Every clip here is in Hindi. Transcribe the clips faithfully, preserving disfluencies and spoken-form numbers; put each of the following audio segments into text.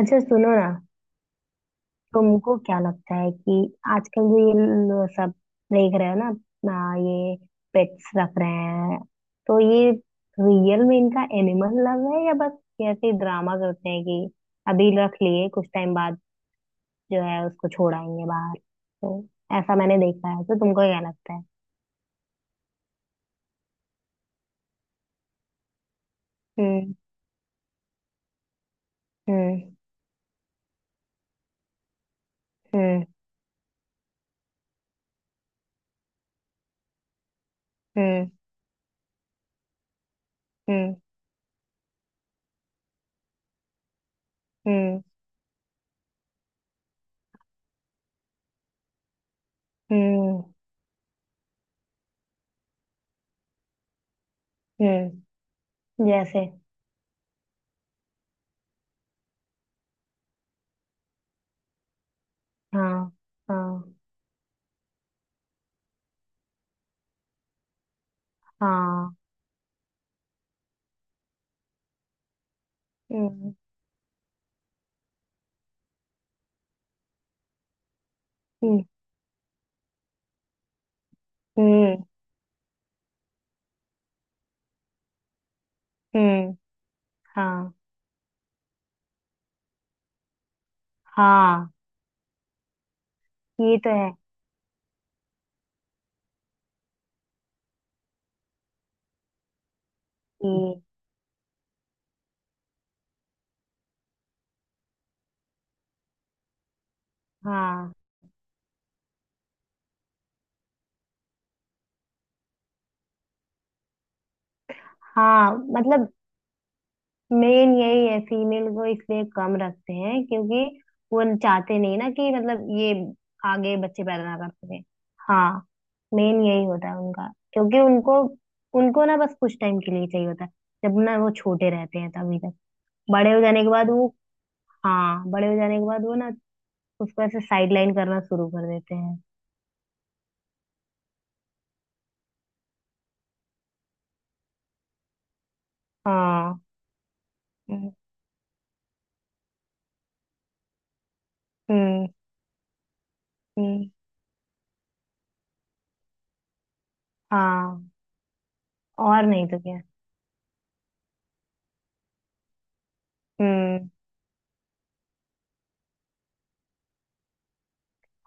अच्छा, सुनो ना। तुमको क्या लगता है कि आजकल जो ये ल- सब देख रहे हो ना, अपना ये पेट्स रख रहे हैं, तो ये रियल में इनका एनिमल लव है या बस ऐसे ही ड्रामा करते हैं कि अभी रख लिए, कुछ टाइम बाद जो है उसको छोड़ाएंगे बाहर? तो ऐसा मैंने देखा है। तो तुमको क्या लगता है? हम्म। हम्म। हम्म। हम्म। हम्म। हम्म। हम्म। हम्म, जैसे? हाँ। हाँ। हाँ। हम्म। हम्म। हम्म। हाँ। हाँ, ये तो है कि। हाँ हाँ, मतलब मेन यही है, फीमेल को इसलिए कम रखते हैं क्योंकि वो चाहते नहीं ना कि मतलब ये आगे बच्चे पैदा ना कर सके। हाँ, मेन यही होता है उनका, क्योंकि उनको, उनको ना बस कुछ टाइम के लिए चाहिए होता है। जब ना वो छोटे रहते हैं तभी तक। बड़े हो जाने के बाद वो, हाँ बड़े हो जाने के बाद वो ना उसको ऐसे साइड लाइन करना शुरू कर देते हैं। हाँ। हम्म। हम्म। हम्म, हाँ और नहीं तो क्या। हम्म।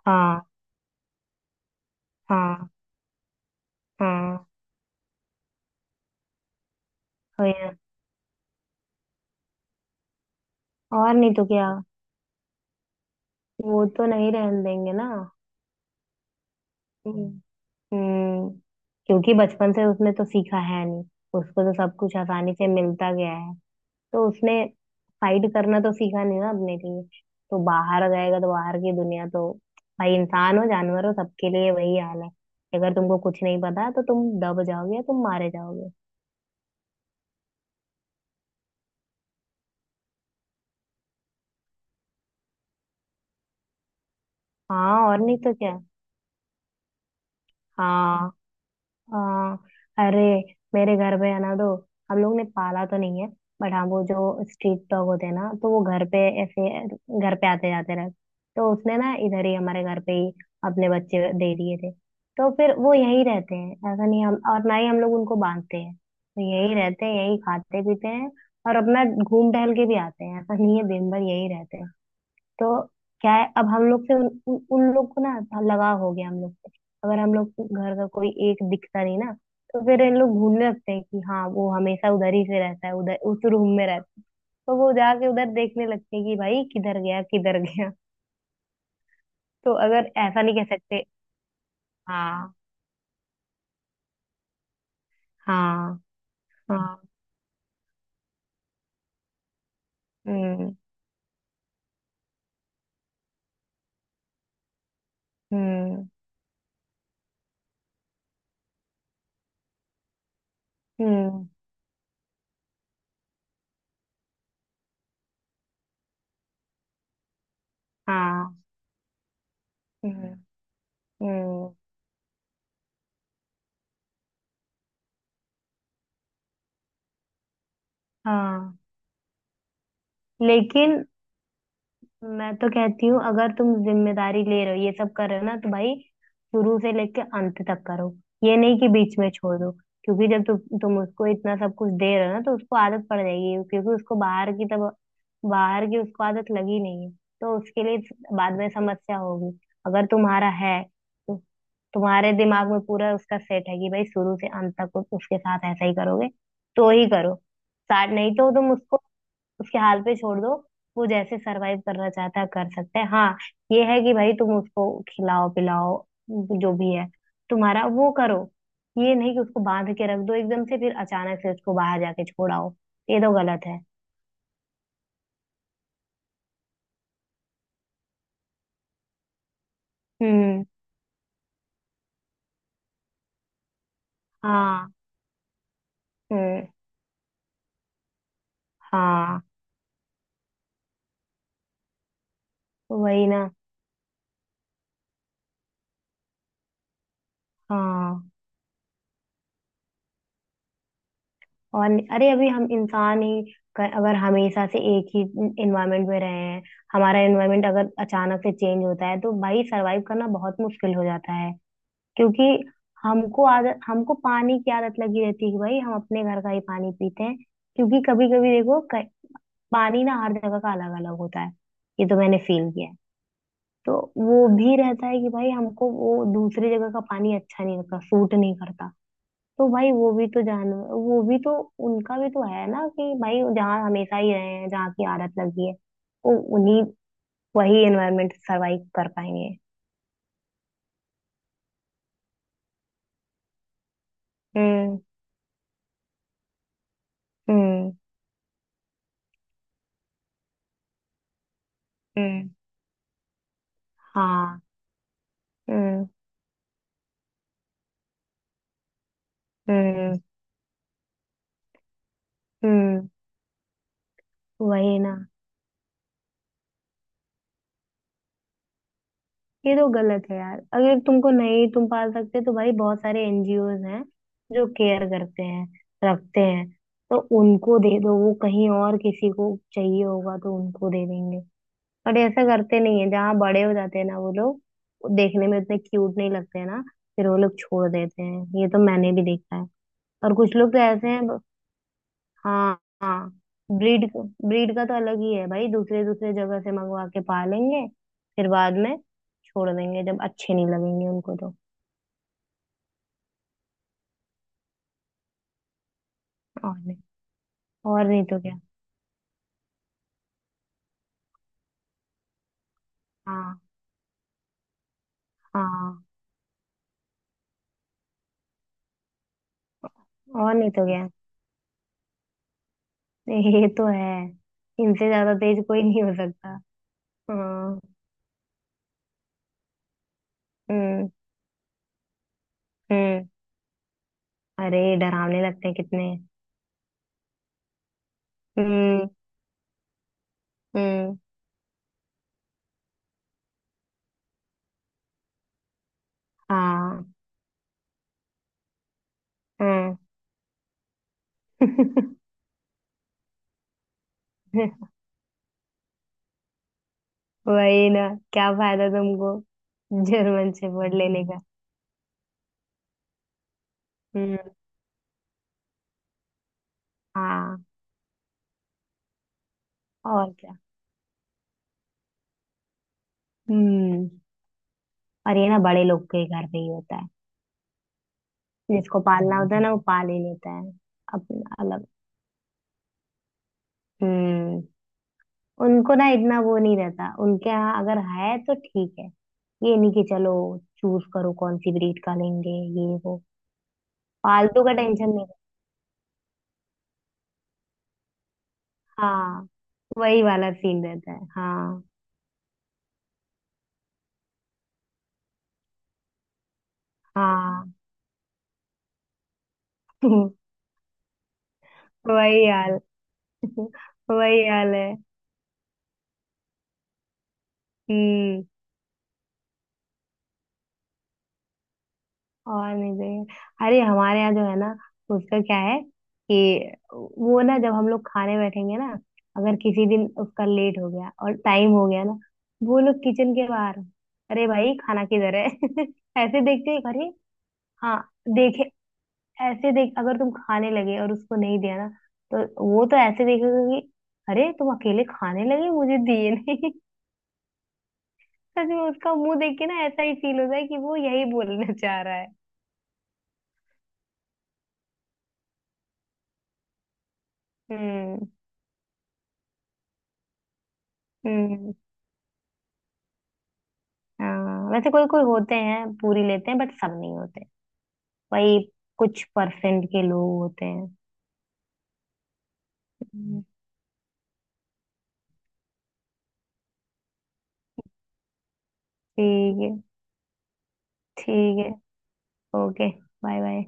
हाँ। हाँ। हाँ, वही ना। और नहीं तो क्या? वो तो नहीं रहने देंगे ना। हम्म। हम्म, क्योंकि बचपन से उसने तो सीखा है नहीं। उसको तो सब कुछ आसानी से मिलता गया है। तो उसने फाइट करना तो सीखा नहीं ना अपने लिए। तो बाहर जाएगा तो बाहर की दुनिया तो, भाई इंसान हो जानवर हो, सबके लिए वही हाल है। अगर तुमको कुछ नहीं पता तो तुम दब जाओगे, तुम मारे जाओगे। हाँ, और नहीं तो क्या। हाँ। हाँ। अरे, मेरे घर पे है ना, तो हम लोग ने पाला तो नहीं है। बट हाँ, वो जो स्ट्रीट डॉग होते हैं ना, तो वो घर पे ऐसे घर पे आते जाते रहते। तो उसने ना इधर ही हमारे घर पे ही अपने बच्चे दे दिए थे। तो फिर वो यहीं रहते हैं, ऐसा नहीं हम, और ना ही हम लोग उनको बांधते हैं, तो यहीं रहते हैं, यहीं खाते पीते हैं और अपना घूम टहल के भी आते हैं। ऐसा नहीं है दिन भर यहीं रहते हैं। तो क्या है, अब हम लोग से उन, उन उन लोग को ना लगाव हो गया हम लोग से। अगर हम लोग घर का कोई एक दिखता नहीं ना, तो फिर इन लोग भूलने लगते हैं कि हाँ, वो हमेशा उधर ही से रहता है, उधर उस रूम में रहता है। तो वो जाके उधर देखने लगते हैं कि भाई किधर गया किधर गया। तो अगर ऐसा नहीं कह सकते। हाँ। हाँ। हाँ। हम्म। हम्म। हम्म। हाँ। हम्म। हम्म। हाँ, लेकिन मैं तो कहती हूँ, अगर तुम जिम्मेदारी ले रहे हो, ये सब कर रहे हो ना, तो भाई शुरू से लेके अंत तक करो। ये नहीं कि बीच में छोड़ दो। क्योंकि जब तु, तुम उसको इतना सब कुछ दे रहे हो ना तो उसको आदत पड़ जाएगी, क्योंकि उसको बाहर की तब, बाहर की उसको आदत लगी नहीं है। तो उसके लिए बाद में समस्या होगी। अगर तुम्हारा है तो, तुम्हारे दिमाग में पूरा उसका सेट है कि भाई शुरू से अंत तक उसके साथ ऐसा ही करोगे, तो ही करो। स्टार्ट नहीं, तो तुम उसको उसके हाल पे छोड़ दो। वो जैसे सरवाइव करना चाहता है कर सकता है। हाँ, ये है कि भाई तुम उसको खिलाओ पिलाओ, जो भी है तुम्हारा, वो करो। ये नहीं कि उसको बांध के रख दो एकदम से, फिर अचानक से उसको बाहर जाके छोड़ाओ, ये तो गलत है। हम्म। हाँ। हम्म। हाँ, वही ना। हाँ, और नहीं- अरे अभी हम इंसान ही, क- अगर हमेशा से एक ही इन्वायरमेंट में रहे हैं, हमारा इन्वायरमेंट अगर अचानक से चेंज होता है तो भाई सरवाइव करना बहुत मुश्किल हो जाता है। क्योंकि हमको आदत, हमको पानी की आदत लगी रहती है कि भाई हम अपने घर का ही पानी पीते हैं। क्योंकि कभी कभी देखो, क- पानी ना हर जगह का अलग अलग होता है। ये तो मैंने फील किया है। तो वो भी रहता है कि भाई हमको वो दूसरी जगह का पानी अच्छा नहीं लगता, सूट नहीं करता। तो भाई वो भी तो जान, वो भी तो, उनका भी तो है ना कि भाई जहाँ हमेशा ही रहे हैं, जहाँ की आदत लगी है, वो उन्हीं, वही एनवायरमेंट सरवाइव कर पाएंगे। हम्म। हम्म। हम्म। हाँ। हम्म। हम्म। हम्म, वही ना। ये तो गलत है यार। अगर तुमको नहीं तुम पाल सकते, तो भाई बहुत सारे एनजीओज हैं जो केयर करते हैं, रखते हैं। तो उनको दे दो, वो कहीं और किसी को चाहिए होगा तो उनको दे देंगे। बट ऐसा करते नहीं है, जहाँ बड़े हो जाते हैं ना वो लोग, वो देखने में उतने क्यूट नहीं लगते हैं ना, फिर वो लोग छोड़ देते हैं। ये तो मैंने भी देखा है। और कुछ लोग तो ऐसे हैं। हाँ हाँ, ब्रीड ब्रीड का तो अलग ही है भाई, दूसरे दूसरे जगह से मंगवा के पालेंगे, फिर बाद में छोड़ देंगे जब अच्छे नहीं लगेंगे उनको तो। और नहीं। और नहीं तो क्या। हाँ। हाँ। और नहीं तो क्या। ये तो है। इनसे ज्यादा तेज कोई नहीं हो सकता। हाँ। हम्म। हम्म। अरे, डरावने लगते हैं कितने। हम्म। हम्म। हाँ। हम्म। वही ना, क्या फायदा तुमको जर्मन शेफर्ड लेने का। हम्म। हाँ, और क्या। हम्म, और ये ना बड़े लोग के घर पे ही होता है। जिसको पालना होता है ना वो पाल ही लेता है। अपना अलग। हम्म, उनको ना इतना वो नहीं रहता उनके यहाँ, अगर है तो ठीक है। ये नहीं कि चलो चूज करो कौन सी ब्रीड का लेंगे, ये वो। पालतू का टेंशन नहीं। हाँ, वही वाला सीन रहता है। हाँ। हाँ। वही हाल। वही हाल है। हम्म, और नहीं चाहिए। अरे हमारे यहाँ जो है ना, उसका क्या है कि वो ना, जब हम लोग खाने बैठेंगे ना, अगर किसी दिन उसका लेट हो गया और टाइम हो गया ना, वो लोग किचन के बाहर, अरे भाई खाना किधर है, ऐसे देखते ही। अरे हाँ, देखे। ऐसे देख, अगर तुम खाने लगे और उसको नहीं दिया ना, तो वो तो ऐसे देखेगा कि अरे तुम अकेले खाने लगे, मुझे दिए नहीं। सच में उसका मुंह देख के ना ऐसा ही फील होता है कि वो यही बोलना चाह रहा है। हम्म। हम्म। हाँ, वैसे कोई कोई होते हैं पूरी लेते हैं, बट सब नहीं होते। वही, कुछ परसेंट के लोग होते हैं। हम्म। ठीक है। ठीक है। ओके। Bye bye.